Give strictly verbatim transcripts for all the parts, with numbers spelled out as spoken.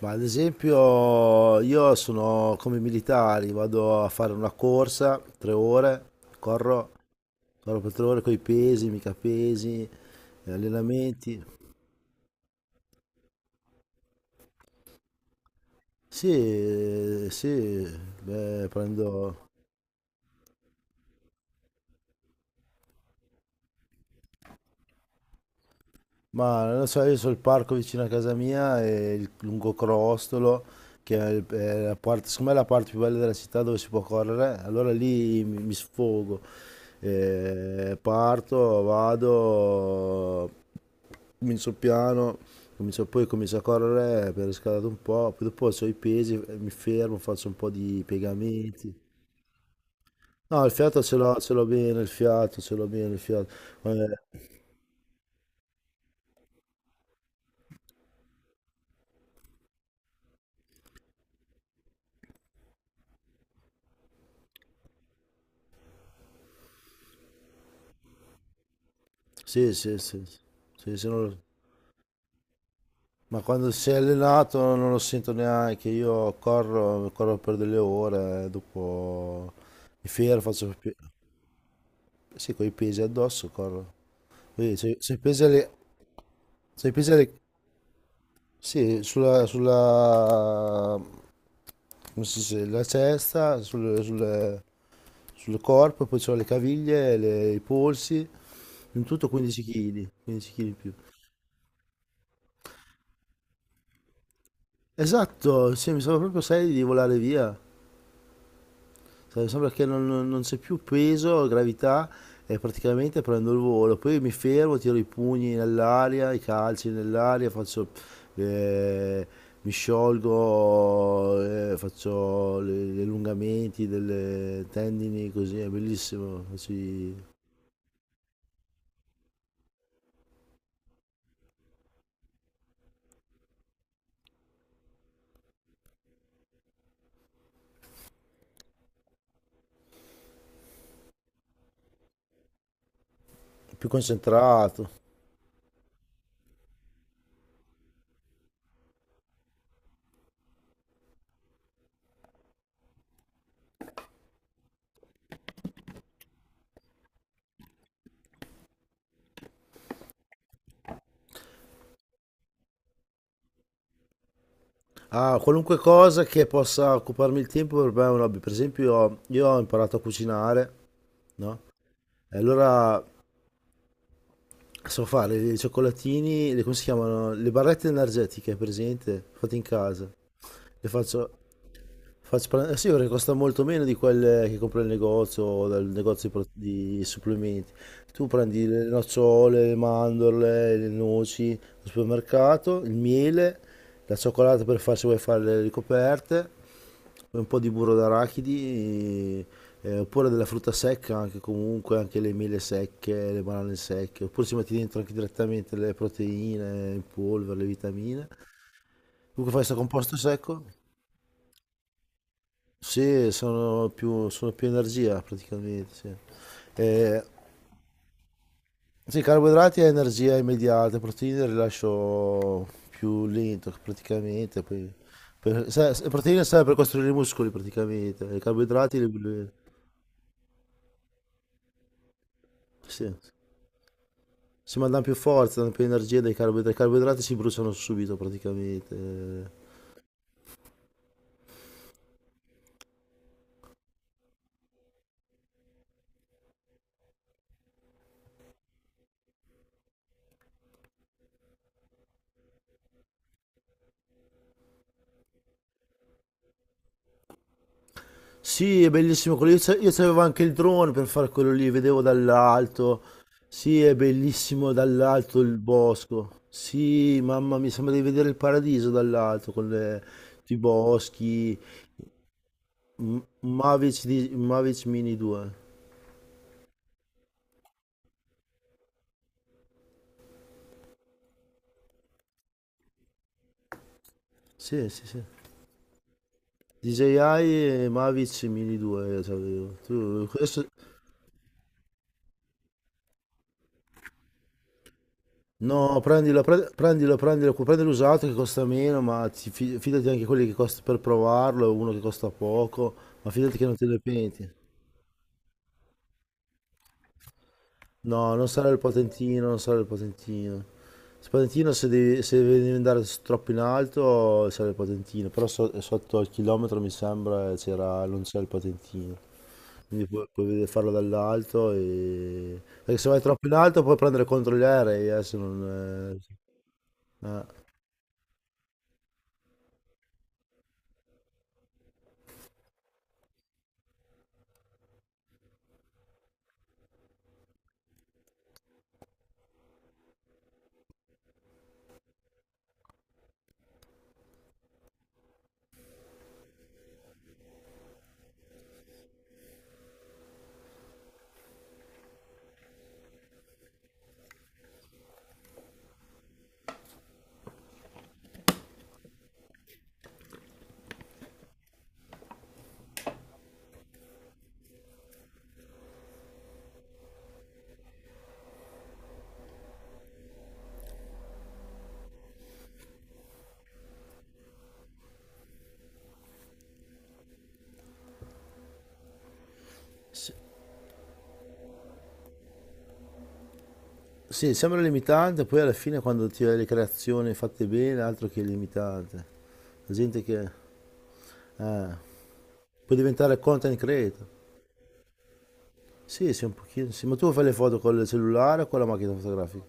Ma ad esempio io sono come i militari, vado a fare una corsa, tre ore, corro, corro per tre ore con i pesi, mica pesi, eh, allenamenti. Sì, sì, beh, prendo... Ma non lo so, io sono il parco vicino a casa mia e il Lungocrostolo, che è, il- è la parte, secondo me è la parte più bella della città dove si può correre, allora lì mi mi sfogo. Eh, parto, vado, comincio piano, comincio- poi comincio a correre per riscaldare un po', poi dopo ho i pesi, eh, mi fermo, faccio un po' di piegamenti. No, il fiato ce l'ho ce l'ho bene, il fiato ce l'ho bene, il fiato. Eh, sì, sì, sì, sì, sì, se non- ma quando sei allenato non lo sento neanche, io corro, corro per delle ore, eh, dopo mi fermo, faccio... pi- sì, con i pesi addosso corro. Quindi se, se pesi alle... Se pesi alle... Sì, sulla, sulla come si dice, la cesta sul, sul- sul corpo, poi c'ho le caviglie, le- i polsi, in tutto quindici chili, quindici chili in più. Esatto, sì, mi sembra proprio serio di volare via. Cioè, sembra che non, non- non c'è più peso, gravità, e praticamente prendo il volo. Poi mi fermo, tiro i pugni nell'aria, i calci nell'aria, faccio, eh, mi sciolgo, eh, faccio le- gli allungamenti delle tendini, così è bellissimo, faccio i- più concentrato. Ah, qualunque cosa che possa occuparmi il tempo per me è un hobby. Per esempio, io ho imparato a cucinare, no? E allora so fare i cioccolatini, le, come si chiamano? Le barrette energetiche, presente? Fatte in casa. Le faccio. Faccio pare- eh sì, perché costa molto meno di quelle che compri al negozio o dal negozio di, pro- di supplementi. Tu prendi le nocciole, le mandorle, le noci al supermercato, il miele, la cioccolata per fare se vuoi fare le ricoperte, poi un po' di burro d'arachidi, eh, oppure della frutta secca anche comunque, anche le mele secche, le banane secche, oppure ci metti dentro anche direttamente le proteine in polvere, le vitamine. Comunque fai questo composto secco. Sì, sono più, sono più energia praticamente, sì. Eh, sì, carboidrati è energia immediata, proteine il rilascio più lento praticamente, poi, per, sa- sa- proteine serve per costruire i muscoli praticamente, i carboidrati li, li- sì, si mandano più forza, danno più energia dai carboidrati, i carboidrati si bruciano subito praticamente, eh. Sì, è bellissimo quello. Io, sa- io sapevo anche il drone per fare quello lì, vedevo dall'alto. Sì, è bellissimo dall'alto il bosco. Sì, mamma mia, sembra di vedere il paradiso dall'alto con le- i boschi. M- Mavic, di- Mavic Mini due. Sì, sì, sì. D J I e Mavic Mini due io sapevo. Tu, adesso, no, prendilo, pre- prendilo, prendilo, cu- prendi l'usato che costa meno, ma ti fi- fidati anche quelli che costa per provarlo, uno che costa poco, ma fidati che non te ne penti. No, non sarà il patentino, non sarà il patentino. Il patentino se devi, se devi andare s- troppo in alto sarà il patentino, però so- sotto il chilometro mi sembra c'era, non c'è il patentino. Quindi puoi, puoi vedere- farlo dall'alto e... Perché se vai troppo in alto puoi prendere contro gli aerei, eh, se non... eh, eh. Sì, sembra limitante, poi alla fine quando ti vedi le creazioni fatte bene, altro che limitante. La gente che... eh, puoi diventare content creator. Sì, sì, un pochino, sì. Ma tu fai le foto con il cellulare o con la macchina fotografica?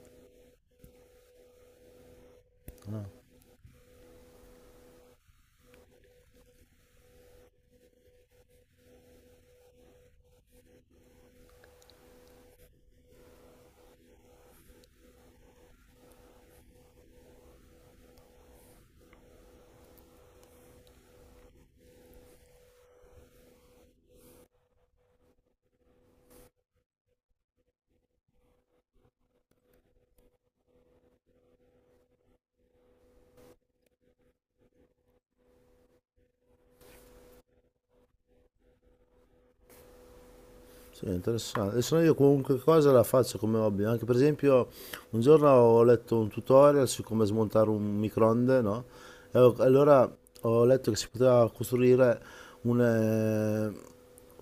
Sì, interessante. Adesso io qualunque cosa la faccio come hobby. Anche per esempio, un giorno ho letto un tutorial su come smontare un microonde, no? E ho- allora ho letto che si poteva costruire un... eh,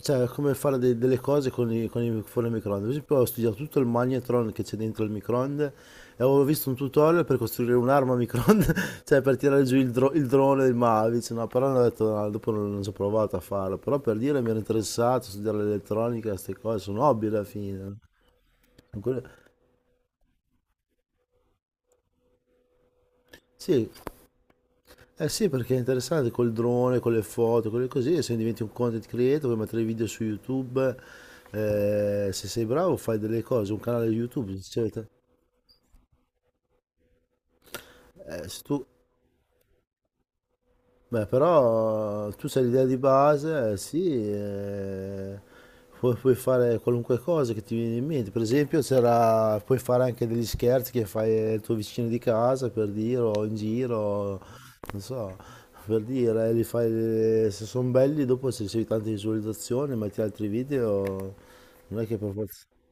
cioè, come fare de- delle cose con i, con i fuori il microonde. Per esempio, ho studiato tutto il magnetron che c'è dentro il microonde e avevo visto un tutorial per costruire un'arma a microonde, cioè per tirare giù il, dro- il drone del Mavic. No, però non ho detto, no, dopo non, non ci ho provato a farlo. Però per dire mi ero interessato a studiare l'elettronica, queste cose sono hobby alla fine. Con quelle- Sì, eh sì, perché è interessante col drone, con le foto, con le cose. Se diventi un content creator, puoi mettere video su YouTube. Eh, se sei bravo, fai delle cose, un canale YouTube, eccetera. Eh, se tu Beh, però tu sai l'idea di base, eh, sì, eh, pu- puoi fare qualunque cosa che ti viene in mente. Per esempio, c'era- puoi fare anche degli scherzi che fai al tuo vicino di casa, per dire, o in giro, non so, per dire, eh, li fai, se sono belli, dopo se ricevi tante visualizzazioni, metti altri video, non è che per forza...